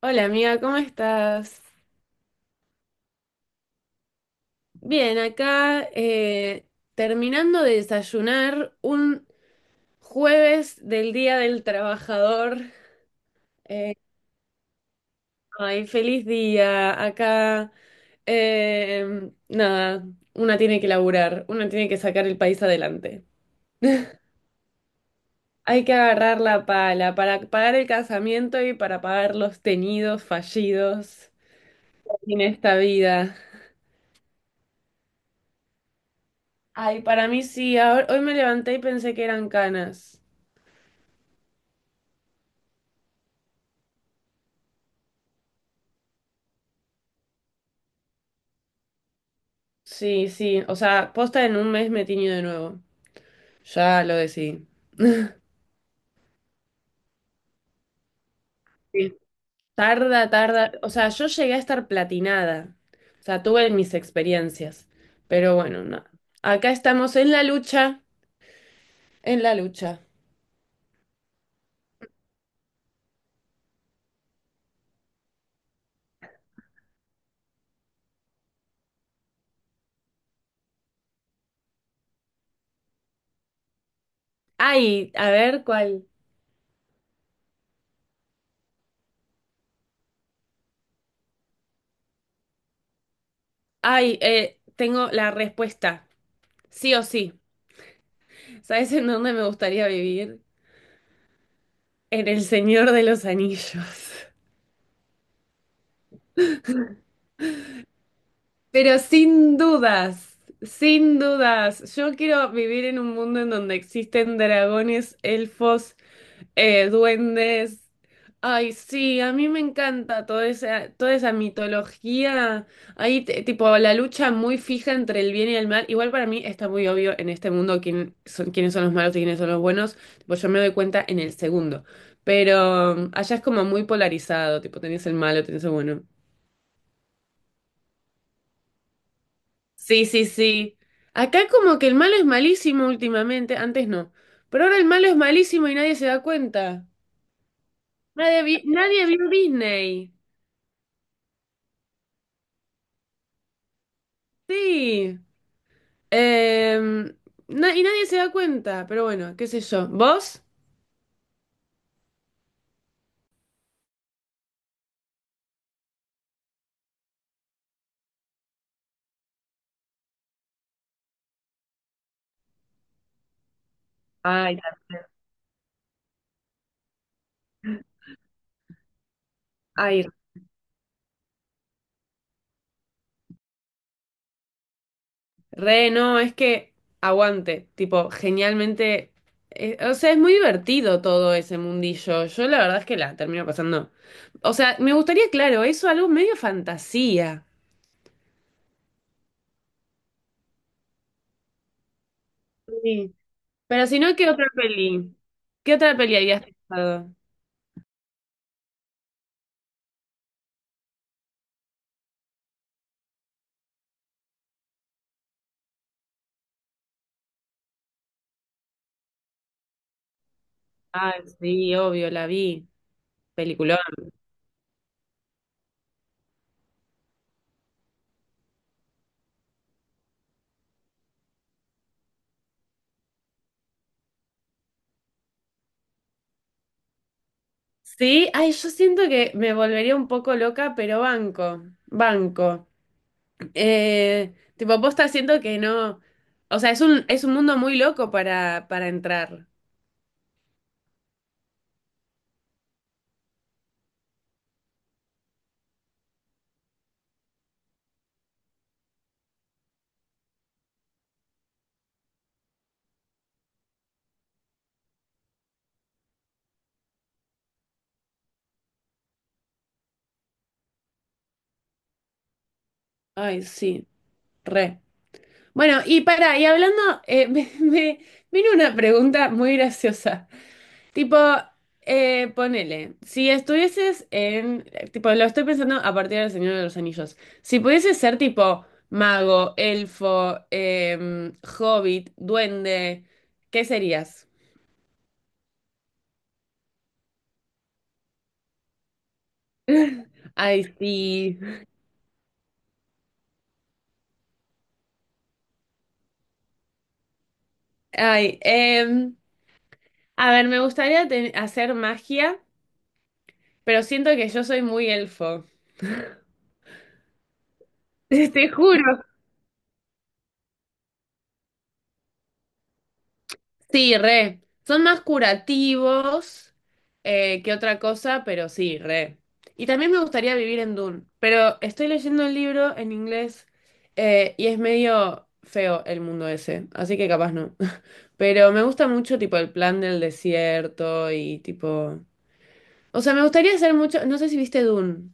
Hola amiga, ¿cómo estás? Bien, acá terminando de desayunar un jueves del Día del Trabajador. Eh, ay, feliz día. Acá, nada, una tiene que laburar, una tiene que sacar el país adelante. Hay que agarrar la pala para pagar el casamiento y para pagar los teñidos fallidos en esta vida. Ay, para mí sí, hoy me levanté y pensé que eran canas. Sí, sí, o sea, posta en un mes me tiño de nuevo. Ya lo decidí. Sí. Tarda, tarda. O sea, yo llegué a estar platinada. O sea, tuve mis experiencias. Pero bueno, no. Acá estamos en la lucha. En la lucha. Ay, a ver cuál. Ay, tengo la respuesta. Sí o sí. ¿Sabes en dónde me gustaría vivir? En El Señor de los Anillos. Pero sin dudas, sin dudas, yo quiero vivir en un mundo en donde existen dragones, elfos, duendes. Ay, sí, a mí me encanta toda esa mitología. Ahí, tipo, la lucha muy fija entre el bien y el mal. Igual para mí está muy obvio en este mundo quién son, quiénes son los malos y quiénes son los buenos. Tipo, yo me doy cuenta en el segundo. Pero allá es como muy polarizado, tipo, tenés el malo, tenés el bueno. Sí, sí, sí. Acá como que el malo es malísimo últimamente, antes no, pero ahora el malo es malísimo y nadie se da cuenta. Nadie, nadie vio Disney. Sí. Em, y nadie se da cuenta, pero bueno, qué sé yo. ¿Vos? Ay, ay, re, no, es que aguante, tipo, genialmente, o sea, es muy divertido todo ese mundillo. Yo la verdad es que la termino pasando. O sea, me gustaría, claro, eso algo medio fantasía. Sí. Pero si no, ¿qué otra peli? ¿Qué otra peli habías pensado? Ah, sí, obvio, la vi. Peliculón. Sí, ay, yo siento que me volvería un poco loca, pero banco, banco. Tipo, posta siento que no. O sea, es un mundo muy loco para entrar. Ay, sí, re. Bueno, y para, y hablando, me vino una pregunta muy graciosa. Tipo, ponele, si estuvieses en, tipo, lo estoy pensando a partir del Señor de los Anillos, si pudieses ser tipo mago, elfo, hobbit, duende, ¿qué serías? Ay, sí. Ay, a ver, me gustaría hacer magia, pero siento que yo soy muy elfo. Te juro. Sí, re. Son más curativos que otra cosa, pero sí, re. Y también me gustaría vivir en Dune, pero estoy leyendo el libro en inglés y es medio feo el mundo ese, así que capaz no. Pero me gusta mucho tipo el plan del desierto y tipo... O sea, me gustaría hacer mucho... No sé si viste Dune.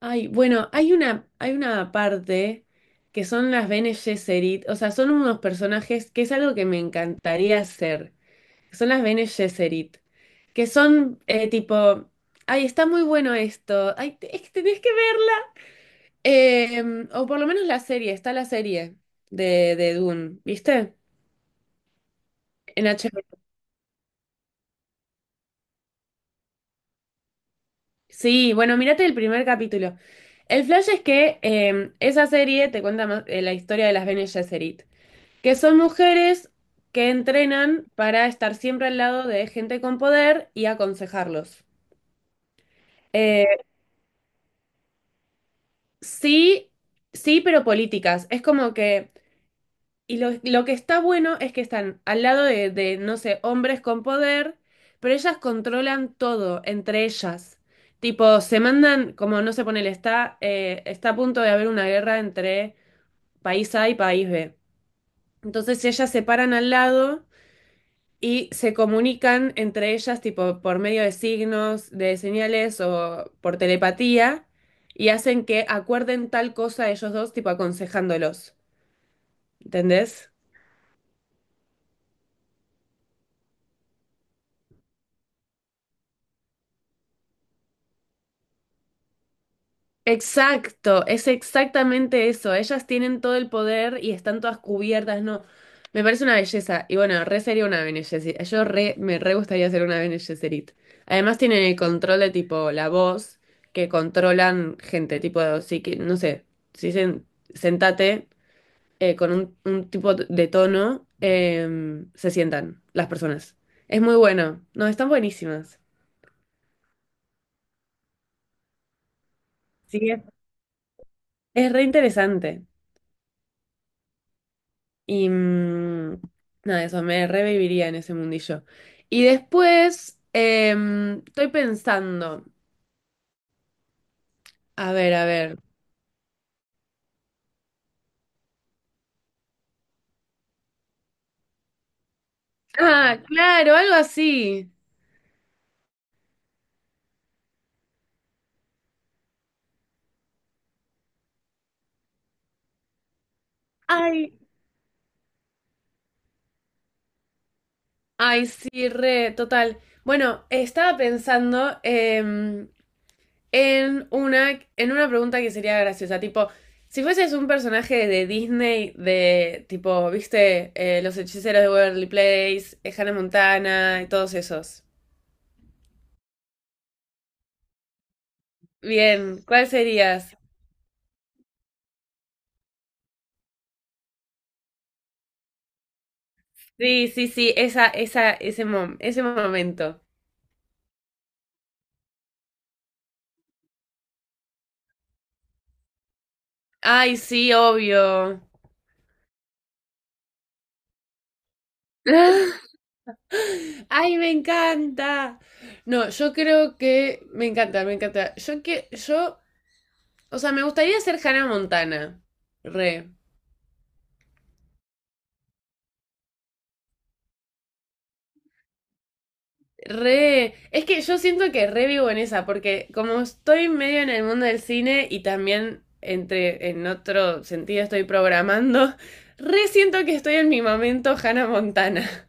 Ay, bueno, hay una parte que son las Bene Gesserit, o sea, son unos personajes que es algo que me encantaría hacer. Son las Bene Gesserit, que son tipo, ay, está muy bueno esto, ay, es que tenés que verla. O por lo menos la serie, está la serie de Dune, ¿viste? En HBO. Sí, bueno, mírate el primer capítulo. El flash es que esa serie te cuenta más, la historia de las Bene Gesserit, que son mujeres que entrenan para estar siempre al lado de gente con poder y aconsejarlos. Eh, sí, sí, pero políticas. Es como que y lo que está bueno es que están al lado de, no sé, hombres con poder, pero ellas controlan todo entre ellas. Tipo, se mandan, como no se pone el está, está a punto de haber una guerra entre país A y país B. Entonces ellas se paran al lado y se comunican entre ellas, tipo, por medio de signos, de señales o por telepatía, y hacen que acuerden tal cosa ellos dos, tipo, aconsejándolos. ¿Entendés? Exacto, es exactamente eso. Ellas tienen todo el poder y están todas cubiertas, ¿no? Me parece una belleza. Y bueno, re sería una Bene Gesserit. Yo re, me re gustaría ser una Bene Gesserit. Además tienen el control de tipo la voz, que controlan gente, tipo, sí que, no sé, si dicen sentate con un tipo de tono, se sientan las personas. Es muy bueno. No, están buenísimas. Sí, es re interesante. Y nada, eso me reviviría en ese mundillo. Y después, estoy pensando, a ver, a ver. Ah, claro, algo así. Ay, ay, sí, re, total. Bueno, estaba pensando en una pregunta que sería graciosa, tipo, si fueses un personaje de Disney, de tipo, viste, Los Hechiceros de Waverly Place, Hannah Montana y todos esos. Bien, ¿cuál serías? Sí, sí, sí, esa, ese momento. Ay, sí, obvio. Ay, me encanta. No, yo creo que me encanta, me encanta. Yo que, yo, o sea, me gustaría ser Hannah Montana. Re, re. Es que yo siento que re vivo en esa, porque como estoy medio en el mundo del cine y también entre, en otro sentido estoy programando, re siento que estoy en mi momento Hannah Montana.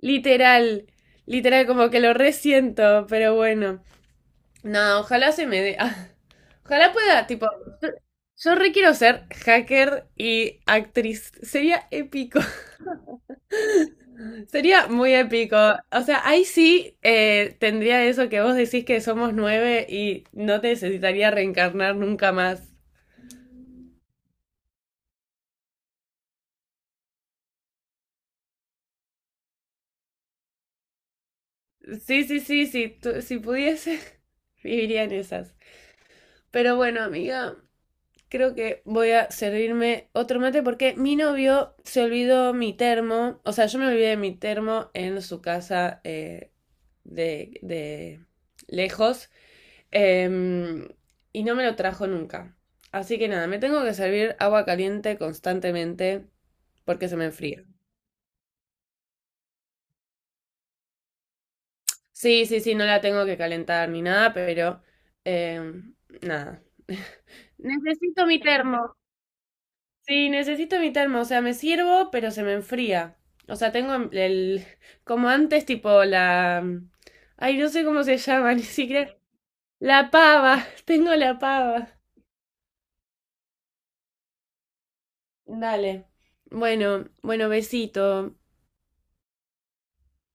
Literal, literal, como que lo resiento, pero bueno. No, ojalá se me dé. Ah, ojalá pueda, tipo, yo re quiero ser hacker y actriz. Sería épico. Sería muy épico. O sea, ahí sí tendría eso que vos decís que somos nueve y no te necesitaría reencarnar nunca más. Sí, sí, sí, sí, si pudiese, viviría en esas. Pero bueno, amiga. Creo que voy a servirme otro mate porque mi novio se olvidó mi termo. O sea, yo me olvidé de mi termo en su casa de lejos. em, y no me lo trajo nunca. Así que nada, me tengo que servir agua caliente constantemente porque se me enfría. Sí, sí, sí, no la tengo que calentar ni nada, pero em, nada. Necesito mi termo. Sí, necesito evitarme, o sea, me sirvo, pero se me enfría. O sea, tengo como antes, tipo la... Ay, no sé cómo se llama, ni siquiera... La pava, tengo la pava. Dale. Bueno, bueno, besito.